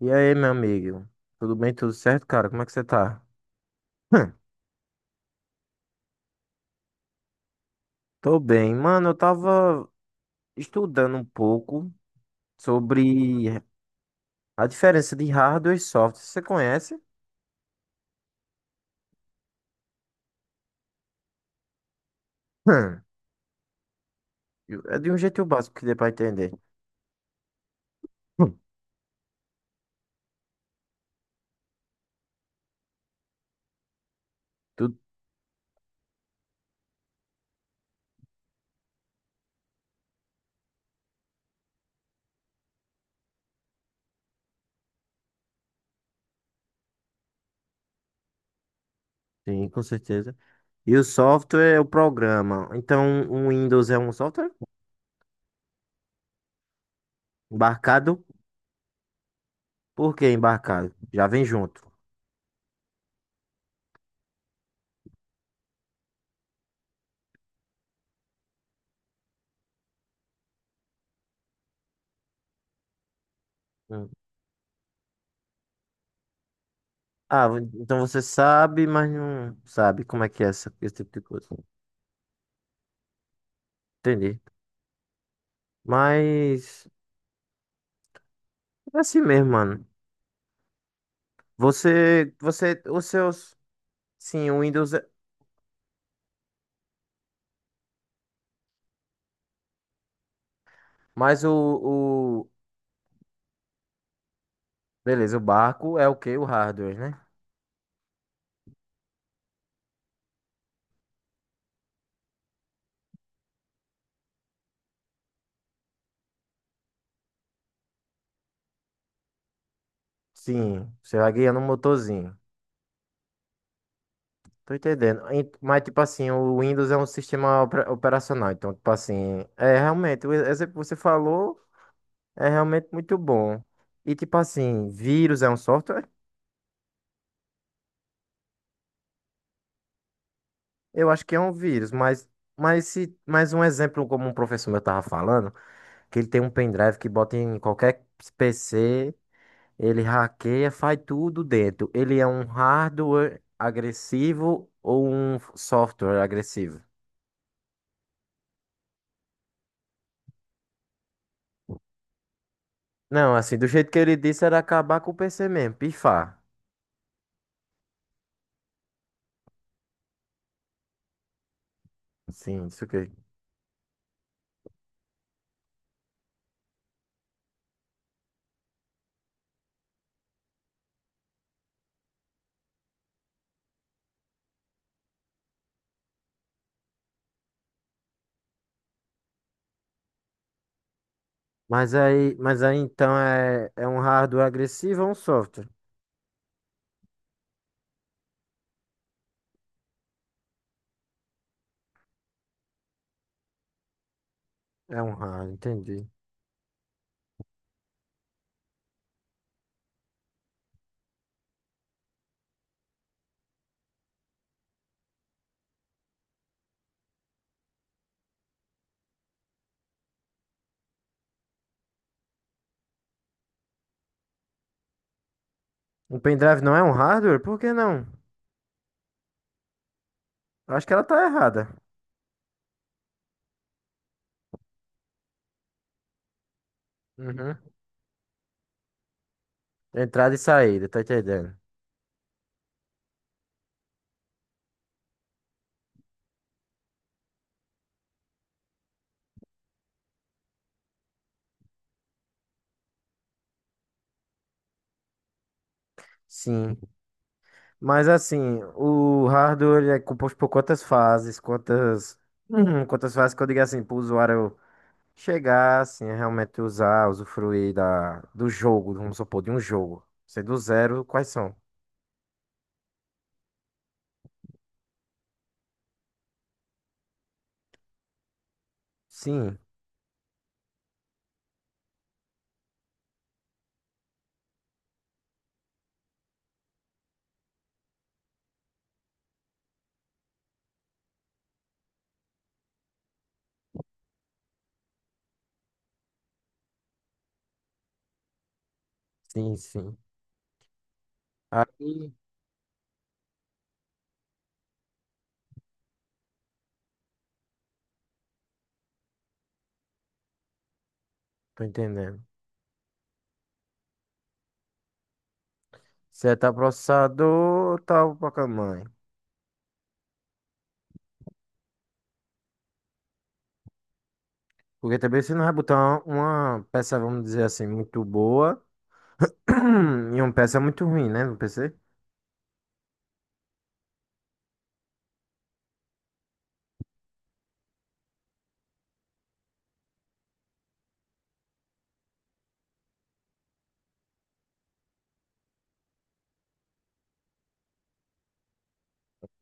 E aí, meu amigo? Tudo bem? Tudo certo, cara? Como é que você tá? Hum, Tô bem. Mano, eu tava estudando um pouco sobre a diferença de hardware e software. Você conhece? Hum, É de um jeito básico que dê pra entender. Hum. Tudo sim, com certeza. E o software é o programa. Então, o Windows é um software? Embarcado? Por que embarcado? Já vem junto. Hum. Ah, então você sabe, mas não sabe como é que é esse tipo de coisa. Entendi. Mas, é assim mesmo, mano. Os seus, sim, o Windows, mas o, beleza, o barco é o quê? O hardware, né? Sim, você vai guiando um motorzinho. Tô entendendo. Mas, tipo assim, o Windows é um sistema operacional. Então, tipo assim, é realmente, o exemplo que você falou é realmente muito bom. E, tipo assim, vírus é um software? Eu acho que é um vírus, mas, se, mas um exemplo como um professor meu tava falando, que ele tem um pendrive que bota em qualquer PC. Ele hackeia, faz tudo dentro. Ele é um hardware agressivo ou um software agressivo? Não, assim, do jeito que ele disse era acabar com o PC mesmo, pifar. Sim, isso aqui. Mas aí então é, é um hardware agressivo ou um software? É um hardware, entendi. Um pendrive não é um hardware? Por que não? Acho que ela tá errada. Uhum. Entrada e saída, tá entendendo? Sim. Mas assim, o hardware ele é composto por quantas fases, quantas, uhum, quantas fases que eu digo assim, para o usuário chegar, assim, a realmente usar, usufruir da, do jogo, vamos supor, de um jogo. Sei do zero, quais são? Sim, sim, sim. Aí, tô entendendo. Se é tal processador, tal placa mãe. Porque também você não vai botar uma peça, vamos dizer assim, muito boa e uma peça muito ruim, né, no PC?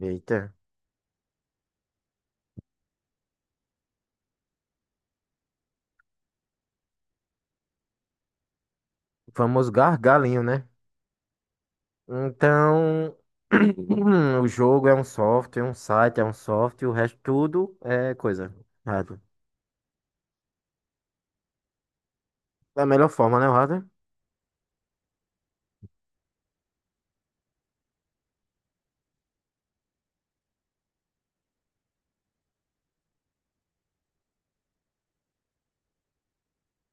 Eita, o famoso gargalinho, né? Então, o jogo é um software, um site é um software, o resto tudo é coisa. Hardware. Da melhor forma, né, o hardware?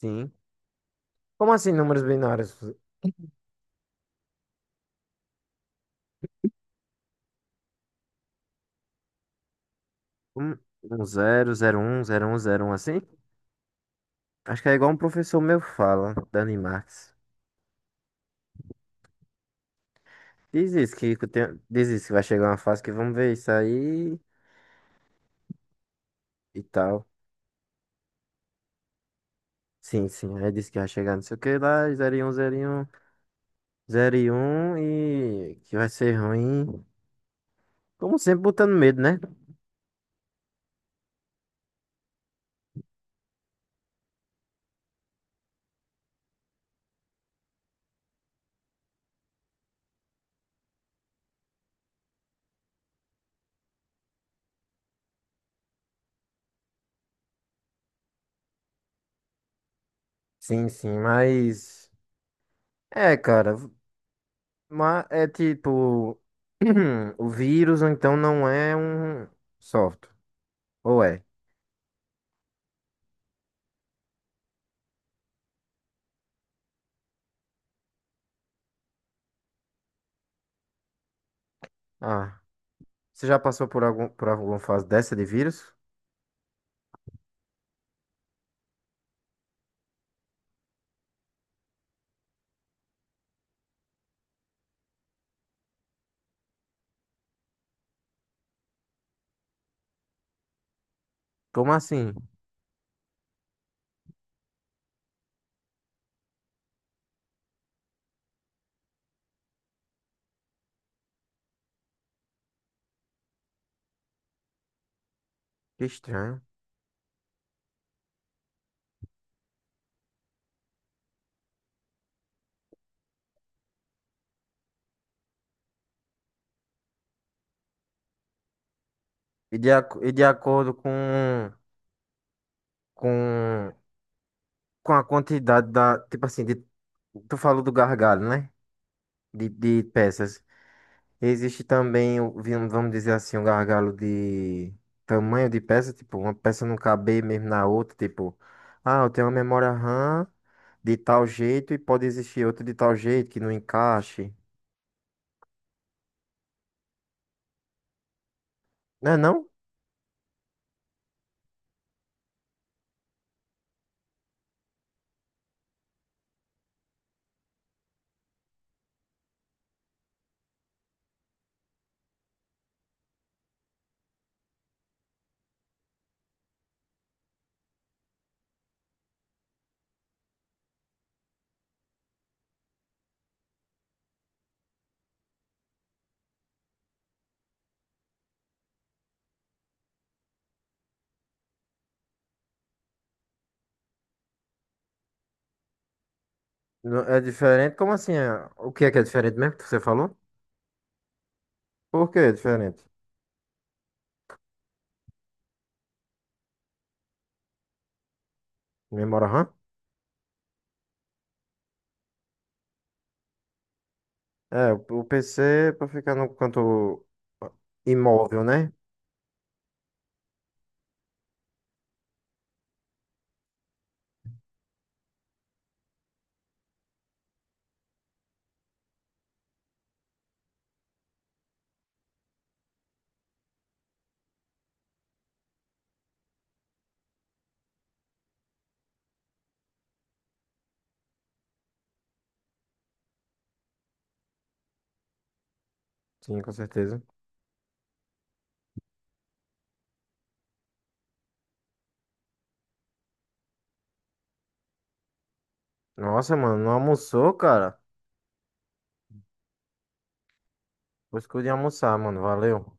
Sim. Como assim, números binários? Um, um zero, zero, um, zero, um, zero, um, assim? Acho que é igual um professor meu fala, Dani Marx. Diz isso, que eu tenho- diz isso, que vai chegar uma fase que vamos ver isso aí e tal. Sim, sim. Aí disse que vai chegar não sei o que lá, zero, um, zero, um, zero, um, e que vai ser ruim. Como sempre, botando medo, né? Sim, sim, mas, é, cara, mas é tipo, o vírus, então, não é um software. Ou é? Ah, você já passou por algum, por alguma fase dessa de vírus? Como assim? Que estranho. E de, e de acordo com, com a quantidade da. Tipo assim, de, tu falou do gargalo, né? De peças. Existe também, vamos dizer assim, um gargalo de tamanho de peça, tipo, uma peça não caber mesmo na outra, tipo, ah, eu tenho uma memória RAM de tal jeito e pode existir outra de tal jeito que não encaixe. Não é não? É diferente? Como assim? É? O que é diferente mesmo que você falou? Por que é diferente? Memória RAM? É, o PC é pra ficar no canto, ah, imóvel, né? Sim, com certeza. Nossa, mano, não almoçou, cara? Vou escolher almoçar, mano. Valeu.